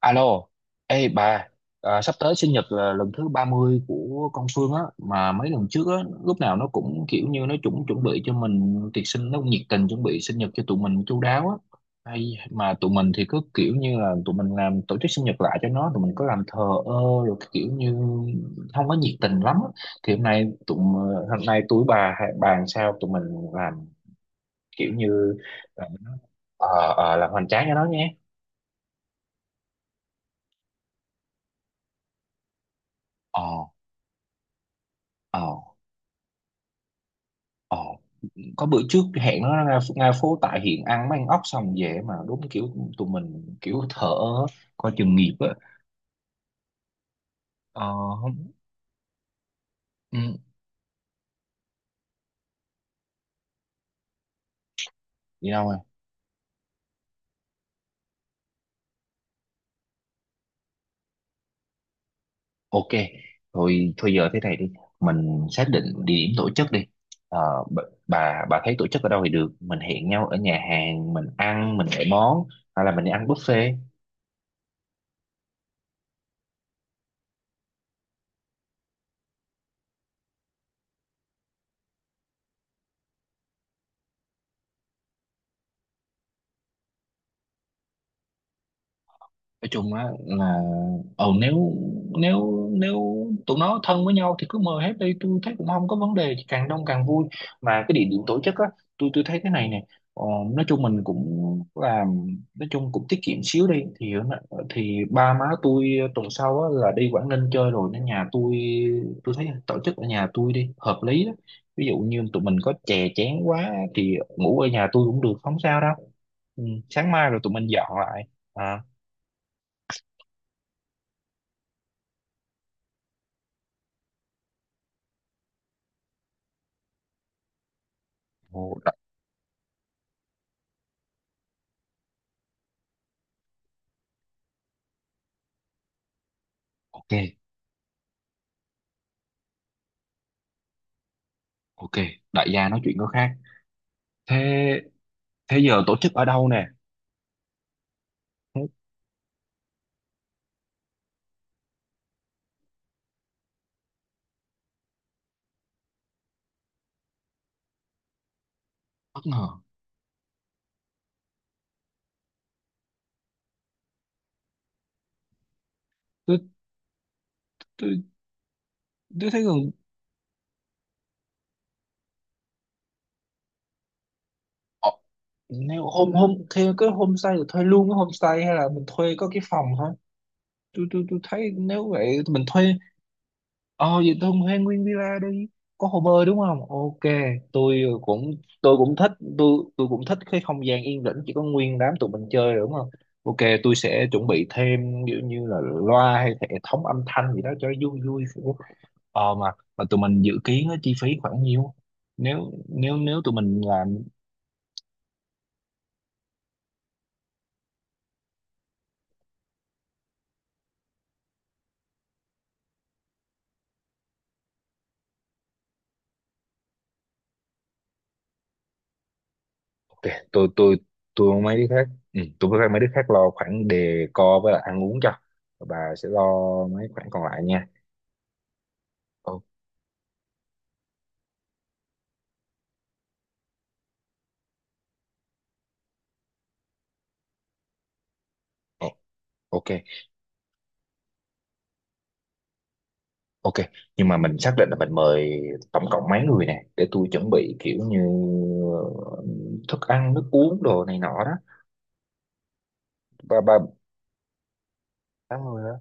Alo, ê bà, à, sắp tới sinh nhật là lần thứ 30 của con Phương á, mà mấy lần trước á, lúc nào nó cũng kiểu như nó chuẩn chuẩn bị cho mình tiệc sinh, nó cũng nhiệt tình chuẩn bị sinh nhật cho tụi mình chu đáo á. Hay mà tụi mình thì cứ kiểu như là tụi mình làm tổ chức sinh nhật lại cho nó, tụi mình có làm thờ ơ rồi cái kiểu như không có nhiệt tình lắm á. Thì hôm nay tụi bà bàn sao tụi mình làm kiểu như ờ, làm hoành tráng cho nó nhé. ờ ờ ờ có bữa trước hẹn nó ra ra phố tại hiện ăn ốc xong về mà đúng kiểu tụi mình kiểu thở coi chừng nghiệp á. ờ Không. Ừ, đi đâu rồi? Ok, thôi thôi giờ thế này đi, mình xác định địa điểm tổ chức đi. ờ, b- bà thấy tổ chức ở đâu thì được, mình hẹn nhau ở nhà hàng mình ăn mình gọi món hay là mình đi ăn buffet? Nói chung á là nếu nếu nếu tụi nó thân với nhau thì cứ mời hết đi, tôi thấy cũng không có vấn đề, càng đông càng vui. Mà cái địa điểm tổ chức á, tôi thấy cái này nè. Ờ, nói chung mình cũng làm, nói chung cũng tiết kiệm xíu đi thì ba má tôi tuần sau á là đi Quảng Ninh chơi rồi nên nhà tôi thấy tổ chức ở nhà tôi đi hợp lý đó. Ví dụ như tụi mình có chè chén quá thì ngủ ở nhà tôi cũng được không sao đâu. Ừ, sáng mai rồi tụi mình dọn lại. À. Ok, ok, đại gia nói chuyện có khác. Thế thế giờ tổ chức ở đâu nè? Thế bất ngờ. tôi tôi tôi thấy gần. Ờ, nếu hôm hôm theo cái homestay thì thuê luôn cái homestay hay là mình thuê có cái phòng thôi? Tôi thấy nếu vậy thì mình thuê. Ờ, vậy tôi thuê nguyên villa đi, có hồ bơi đúng không? Ok, tôi cũng tôi cũng thích. Tôi cũng thích cái không gian yên tĩnh chỉ có nguyên đám tụi mình chơi rồi đúng không? Ok, tôi sẽ chuẩn bị thêm kiểu như là loa hay hệ thống âm thanh gì đó cho nó vui vui. Ờ, mà tụi mình dự kiến á, chi phí khoảng nhiêu? Nếu nếu nếu tụi mình làm. Ok, tôi tôi tôi mấy đứa khác, ừ, tôi với mấy đứa khác lo khoản decor với lại ăn uống cho, bà sẽ lo mấy khoản còn lại nha. Ô- ô- ok, ok. Nhưng mà mình xác định là mình mời tổng cộng mấy người nè để tôi chuẩn bị kiểu như ờ, thức ăn nước uống đồ này nọ đó. Ba ba Năm người đó.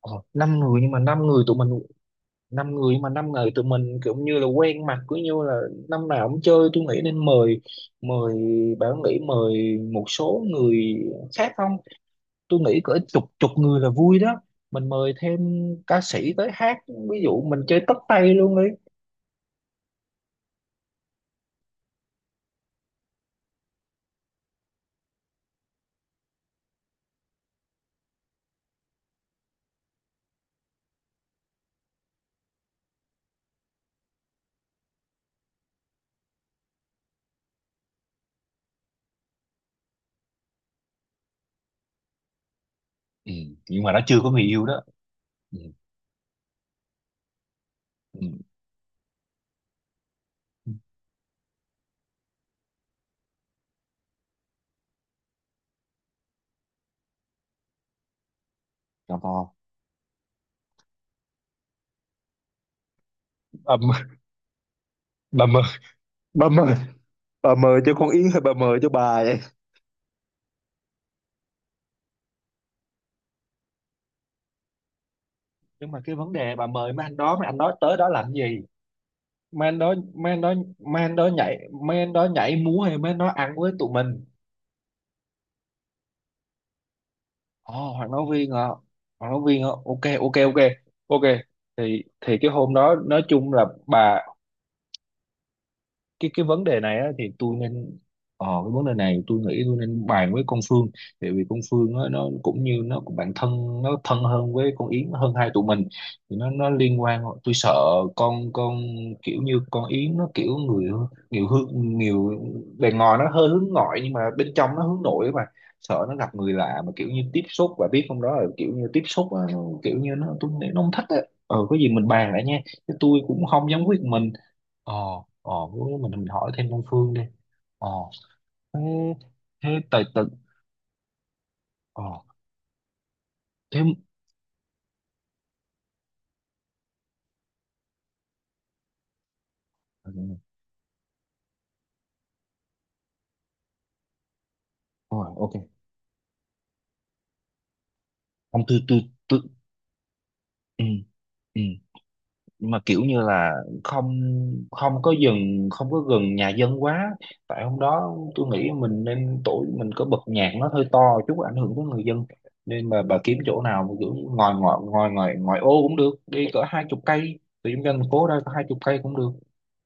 Ờ, năm người, nhưng mà năm người tụi mình, năm người mà năm người tụi mình kiểu như là quen mặt, cứ như là năm nào cũng chơi, tôi nghĩ nên mời, mời bảo nghĩ mời một số người khác không? Tôi nghĩ cỡ chục chục người là vui đó, mình mời thêm ca sĩ tới hát, ví dụ mình chơi tất tay luôn đi. Ừ, nhưng mà nó chưa có người yêu đó. Ừ. Ừ. Tò mò. bà mời bà mời bà mời bà mời cho con Yến hay bà mời cho bà vậy? Nhưng mà cái vấn đề bà mời mấy anh đó, mấy anh đó tới đó làm gì? men đó men đó men đó nhảy Men đó nhảy múa hay men đó ăn với tụi mình? Ồ, Hoàng nói viên à? Hoàng nói viên à? Ok, ok, ok, ok. Thì cái hôm đó nói chung là bà. Cái vấn đề này á, thì tôi nên ờ, cái vấn đề này tôi nghĩ tôi nên bàn với con Phương. Tại vì con Phương á, nó cũng như nó cũng bạn thân, nó thân hơn với con Yến hơn hai tụi mình, thì nó liên quan tôi sợ con, kiểu như con Yến nó kiểu người nhiều hướng nhiều, bề ngoài nó hơi hướng ngoại nhưng mà bên trong nó hướng nội mà, sợ nó gặp người lạ mà kiểu như tiếp xúc và biết không, đó là kiểu như tiếp xúc á, kiểu như nó tôi nghĩ nó không thích á. Ờ, có gì mình bàn lại nha, chứ tôi cũng không dám quyết mình. ờ với mình hỏi thêm Đông Phương đi. Ờ. thế thế tại tự ờ Thế. Ừ, ừ. Rồi ok. Ông tư tư tư. Ừ, ừ. Nhưng mà kiểu như là không, không có dừng, không có gần nhà dân quá, tại hôm đó tôi nghĩ mình nên tổ mình có bật nhạc nó hơi to chút ảnh hưởng tới người dân, nên mà bà kiếm chỗ nào mà kiểu ngồi ngoài ngoài ngoài ngoài ô cũng được đi, cỡ 20 cây từ trung tâm thành phố ra, cỡ 20 cây cũng được,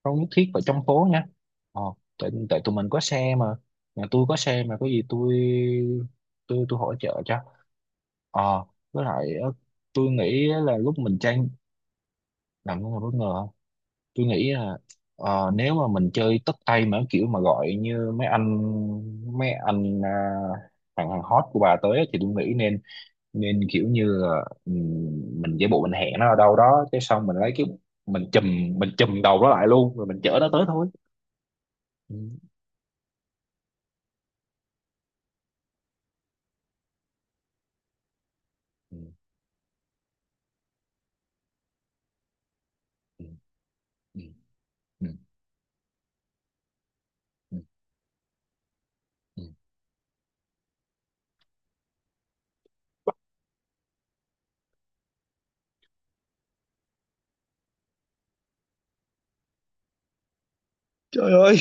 không nhất thiết phải trong phố nha. Ờ, tại tại tụi mình có xe mà, nhà tôi có xe mà, có gì tôi tôi hỗ trợ cho. Ờ, với lại ờ, tôi nghĩ là lúc mình tranh làm nó là bất ngờ, tôi nghĩ là ờ, nếu mà mình chơi tất tay mà kiểu mà gọi như mấy anh, à, thằng hàng hot của bà tới á, thì tôi nghĩ nên nên kiểu như là, mình giả bộ mình hẹn nó ở đâu đó cái xong mình lấy cái, mình chùm mình chùm đầu nó lại luôn rồi mình chở nó tới thôi. Ừ, ừ, ừ, ừ, ừ, ừ, ừ. Trời ơi,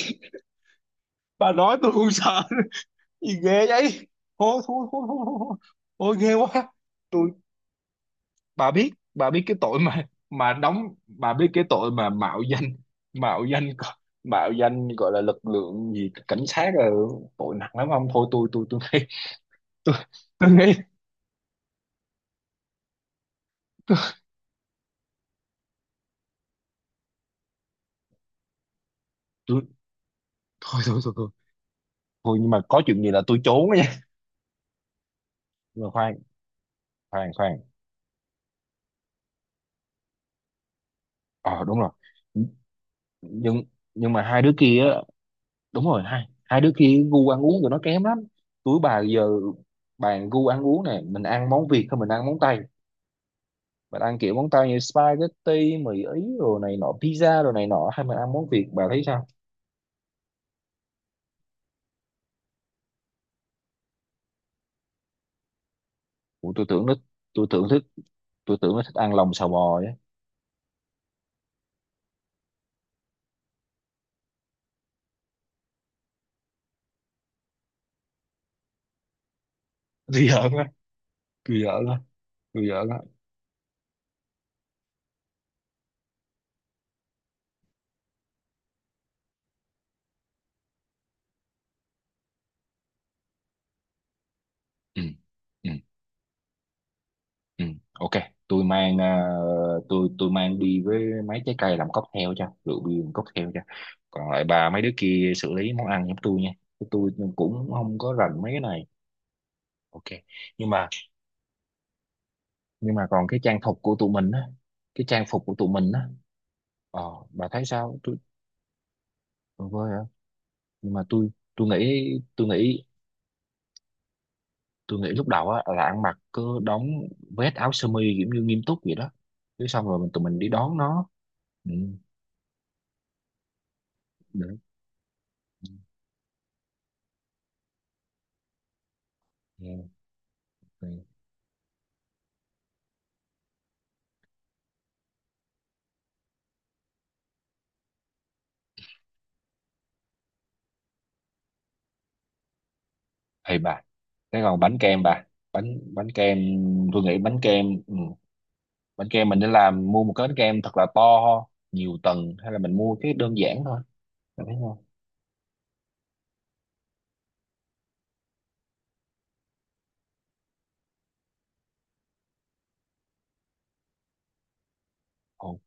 bà nói tôi cũng sợ. Gì ghê vậy? Thôi, thôi, thôi, thôi, thôi, thôi. Ghê quá. Tôi, bà biết, bà biết cái tội mà đóng, bà biết cái tội mà mạo danh, mạo danh mạo danh gọi là lực lượng gì cảnh sát là tội nặng lắm không, thôi tôi tôi nghĩ tôi tôi nghĩ tôi, tôi. Thôi, thôi, thôi, thôi, thôi. Nhưng mà có chuyện gì là tôi trốn á nha. Nhưng mà khoan, khoan, khoan. Ờ, đúng rồi, nhưng nhưng mà hai đứa kia á. Đúng rồi, hai hai đứa kia gu ăn uống tụi nó kém lắm. Tụi bà giờ bàn gu ăn uống này, mình ăn món Việt hay mình ăn món Tây? Bạn ăn kiểu món tao như spaghetti mì ý rồi này nọ, pizza rồi này nọ hay mình ăn món Việt, bà thấy sao? Ủa, tôi tưởng nó, tôi tưởng thích tôi tưởng nó thích ăn lòng xào bò á. Tôi giỡn á, tôi giỡn á, tôi giỡn á. Ừ. Ừ, ừ. Ok, tôi mang, à, tôi mang đi với mấy trái cây làm cocktail cho rượu bia làm cocktail cho, còn lại bà mấy đứa kia xử lý món ăn giống tôi nha, tôi cũng không có rành mấy cái này. Ok. Nhưng mà nhưng mà còn cái trang phục của tụi mình á, cái trang phục của tụi mình á. Ờ, bà thấy sao? Tôi vơi hả? Nhưng mà tôi nghĩ, tôi nghĩ tôi nghĩ lúc đầu á là ăn mặc cứ đóng vest áo sơ mi kiểu như nghiêm túc vậy đó. Chứ xong rồi mình tụi mình đi đón nó. Ừ, được. Ừ, ừ. Ê bà, cái còn bánh kem bà, bánh bánh kem, tôi nghĩ bánh kem. Ừ. Bánh kem mình nên làm mua một cái bánh kem thật là to nhiều tầng hay là mình mua cái đơn giản thôi. Bà thấy không? Ồ,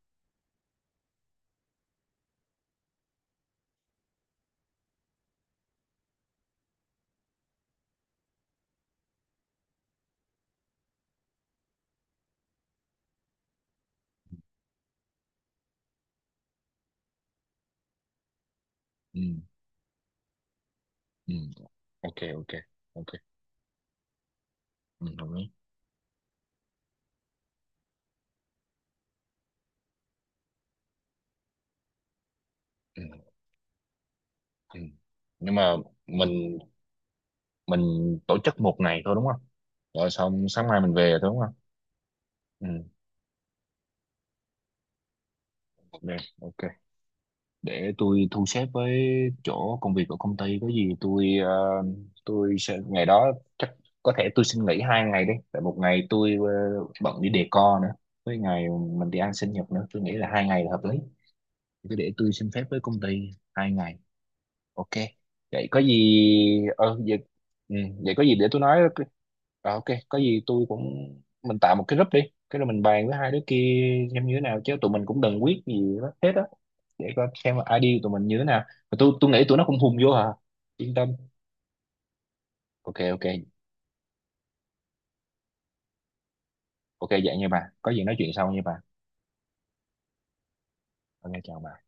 ừ, ừ. Ok, ok, ok. Ừ, đồng ý. Ừ, ừ. Nhưng mà mình mình tổ chức một ngày thôi đúng không, rồi xong sáng mai mình về thôi đúng không? Ừ, được, ok. Để tôi thu xếp với chỗ công việc của công ty, có gì tôi ờ, tôi sẽ ngày đó, chắc có thể tôi xin nghỉ 2 ngày đi, tại một ngày tôi ờ, bận đi decor nữa, với ngày mình đi ăn sinh nhật nữa, tôi nghĩ là 2 ngày là hợp lý, cứ để tôi xin phép với công ty 2 ngày. Ok. Vậy có gì ờ vậy, ừ, vậy có gì để tôi nói. Rồi ok, có gì tôi cũng mình tạo một cái group đi, cái rồi mình bàn với hai đứa kia xem như thế nào, chứ tụi mình cũng đừng quyết gì đó hết á, để coi xem là ID của tụi mình như thế nào. Mà tôi nghĩ tụi nó cũng hùng vô hả? Yên tâm. Ok, ok. Ok vậy nha bà. Có gì nói chuyện sau nha bà. Ok chào bà.